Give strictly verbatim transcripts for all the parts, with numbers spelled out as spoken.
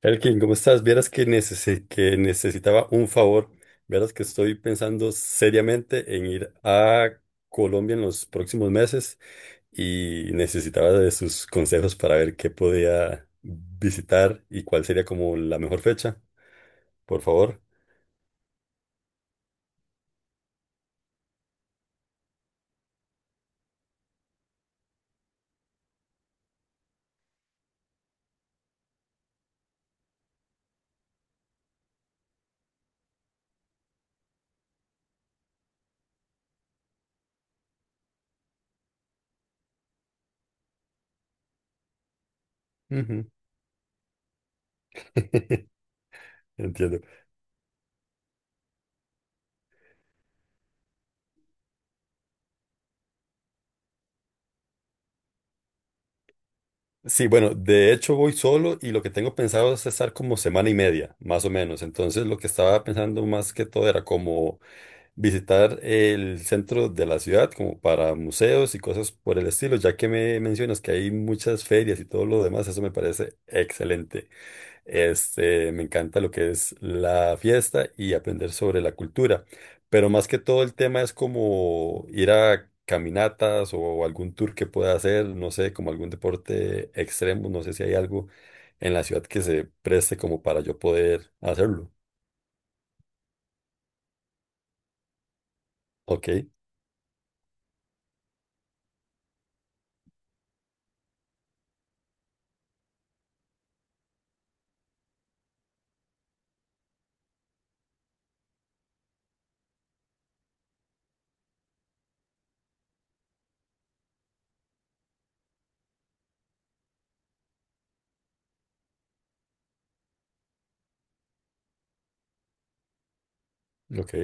Elkin, ¿cómo estás? Vieras que, necesi- que necesitaba un favor. Vieras que estoy pensando seriamente en ir a Colombia en los próximos meses y necesitaba de sus consejos para ver qué podía visitar y cuál sería como la mejor fecha, por favor. Ujú. Entiendo. Sí, bueno, de hecho voy solo y lo que tengo pensado es estar como semana y media, más o menos. Entonces lo que estaba pensando más que todo era como visitar el centro de la ciudad como para museos y cosas por el estilo, ya que me mencionas que hay muchas ferias y todo lo demás, eso me parece excelente. Este, me encanta lo que es la fiesta y aprender sobre la cultura, pero más que todo el tema es como ir a caminatas o algún tour que pueda hacer, no sé, como algún deporte extremo, no sé si hay algo en la ciudad que se preste como para yo poder hacerlo. Ok, ok.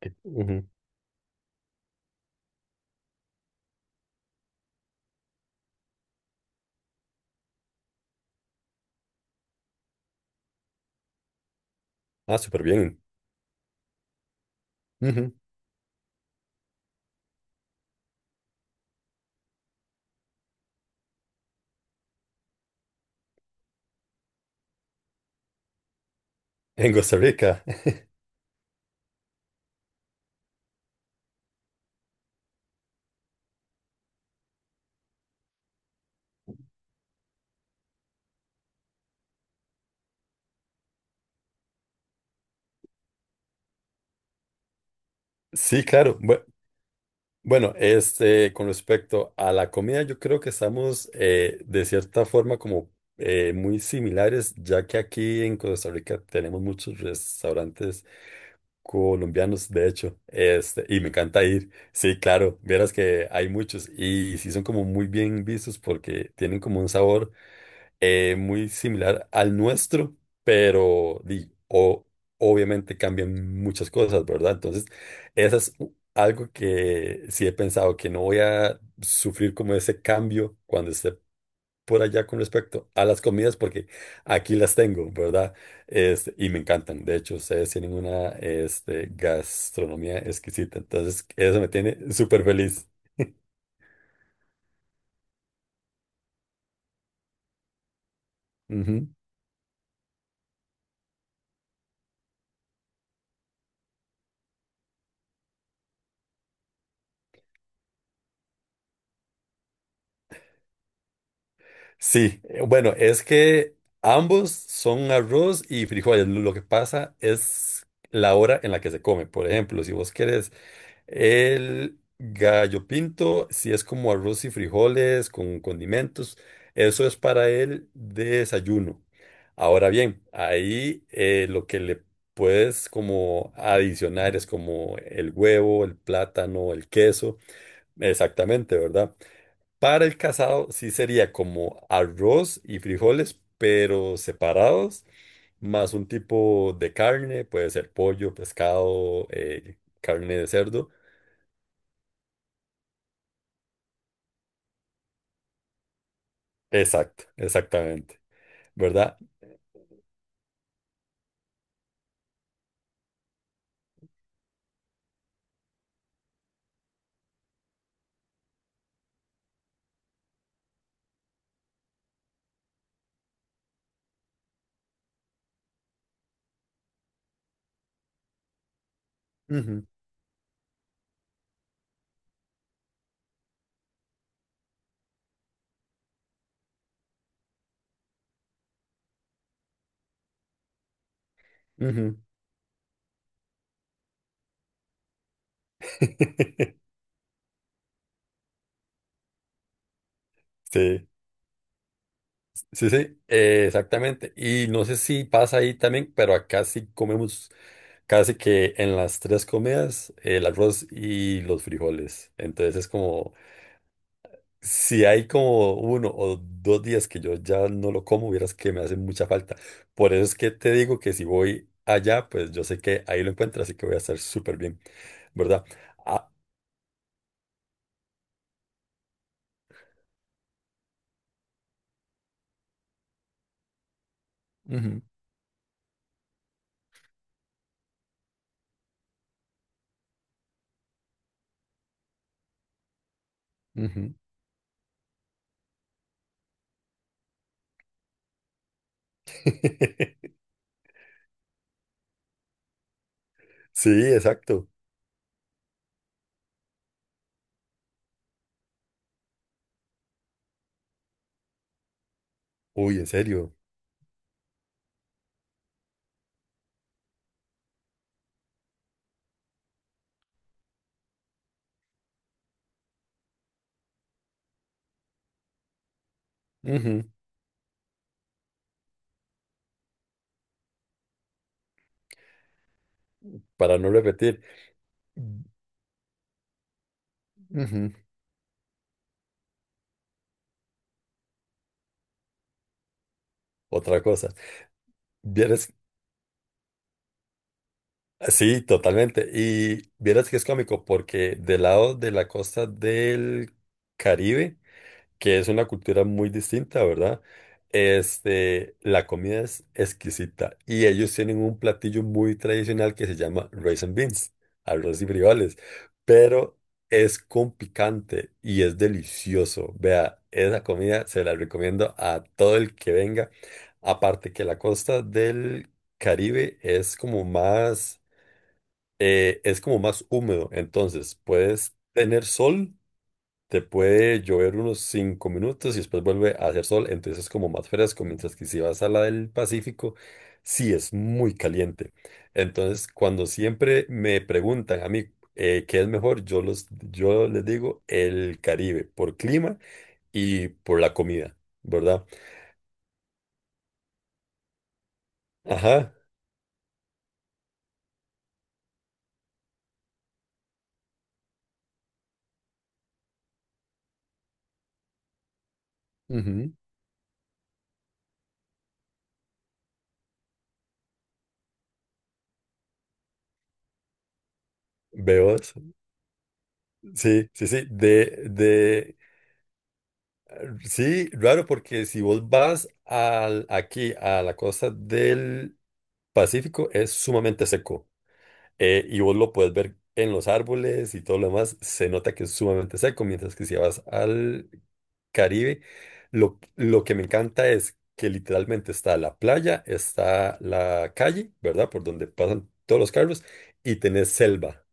que- Ujú. Ah, súper bien. Ujú. En Costa Rica. Sí, claro. Bue- Bueno, este, con respecto a la comida, yo creo que estamos eh, de cierta forma como eh, muy similares, ya que aquí en Costa Rica tenemos muchos restaurantes colombianos, de hecho, este, y me encanta ir. Sí, claro, vieras que hay muchos y sí son como muy bien vistos porque tienen como un sabor eh, muy similar al nuestro, pero di- o, obviamente cambian muchas cosas, ¿verdad? Entonces, eso es u- algo que sí he pensado, que no voy a sufrir como ese cambio cuando esté por allá con respecto a las comidas, porque aquí las tengo, ¿verdad? Este, y me encantan. De hecho, ustedes tienen una este, gastronomía exquisita, entonces eso me tiene súper feliz. Sí, eh, bueno, es que ambos son arroz y frijoles. Lo lo que pasa es la hora en la que se come. Por ejemplo, si vos querés el gallo pinto, si es como arroz y frijoles con condimentos, eso es para el desayuno. Ahora bien, ahí eh, lo que le puedes como adicionar es como el huevo, el plátano, el queso, exactamente, ¿verdad? Para el casado sí sería como arroz y frijoles, pero separados, más un tipo de carne, puede ser pollo, pescado, eh, carne de cerdo. Exacto, exactamente, ¿verdad? Ujú, ujú. Sí, sí, sí, eh, exactamente. Y no sé si pasa ahí también, pero acá sí comemos casi que en las tres comidas el arroz y los frijoles. Entonces es como... Si hay como uno o dos días que yo ya no lo como, vieras que me hace mucha falta. Por eso es que te digo que si voy allá, pues yo sé que ahí lo encuentro, así que voy a estar súper bien, ¿verdad? Ah, ujú, ujú. Sí, exacto. Uy, en serio. Ujú. Para no repetir. Ujú. Otra cosa. Vieras, sí, totalmente. Y vieras que es cómico porque del lado de la costa del Caribe, que es una cultura muy distinta, ¿verdad? Este, la comida es exquisita y ellos tienen un platillo muy tradicional que se llama rice and beans, arroz y frijoles, pero es con picante y es delicioso. Vea, esa comida se la recomiendo a todo el que venga. Aparte que la costa del Caribe es como más, eh, es como más húmedo, entonces puedes tener sol, te puede llover unos cinco minutos y después vuelve a hacer sol, entonces es como más fresco, mientras que si vas a la del Pacífico, sí es muy caliente. Entonces, cuando siempre me preguntan a mí eh, qué es mejor, yo, los, yo les digo el Caribe, por clima y por la comida, ¿verdad? Ajá. Ujú. Veo, sí, sí, sí, de, de, sí, raro porque si vos vas al, aquí a la costa del Pacífico es sumamente seco, eh, y vos lo puedes ver en los árboles y todo lo demás, se nota que es sumamente seco, mientras que si vas al Caribe, lo, lo que me encanta es que literalmente está la playa, está la calle, ¿verdad? Por donde pasan todos los carros y tenés selva.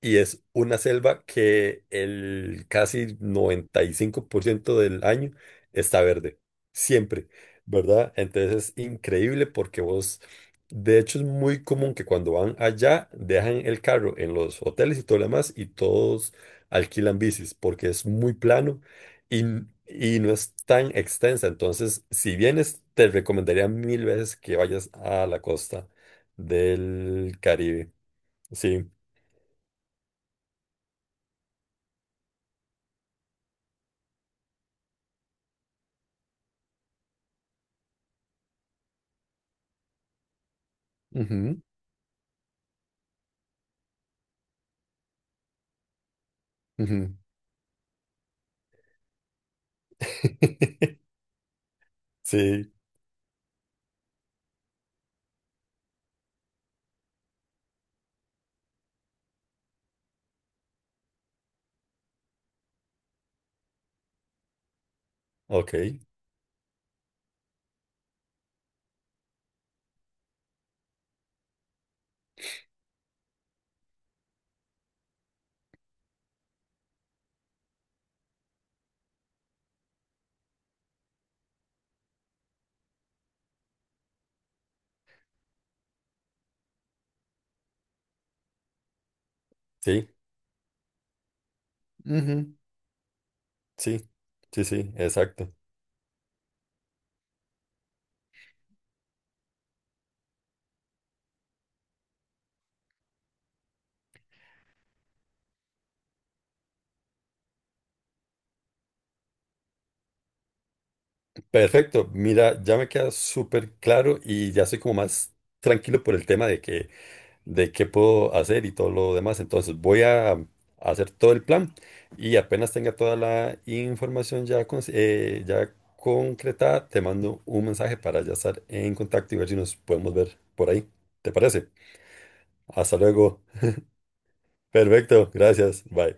Y es una selva que el casi noventa y cinco por ciento del año está verde, siempre, ¿verdad? Entonces es increíble porque vos, de hecho es muy común que cuando van allá dejan el carro en los hoteles y todo lo demás y todos alquilan bicis porque es muy plano y, n- y no es tan extensa. Entonces, si vienes, te recomendaría mil veces que vayas a la costa del Caribe. Sí. Ujú, ujú. Sí, ok, sí. Ujú. Sí, sí, sí, exacto. Perfecto, mira, ya me queda súper claro y ya soy como más tranquilo por el tema de que, de qué puedo hacer y todo lo demás. Entonces voy a hacer todo el plan y apenas tenga toda la información ya, cons- eh, ya concretada, te mando un mensaje para ya estar en contacto y ver si nos podemos ver por ahí. ¿Te parece? Hasta luego. Perfecto, gracias, bye.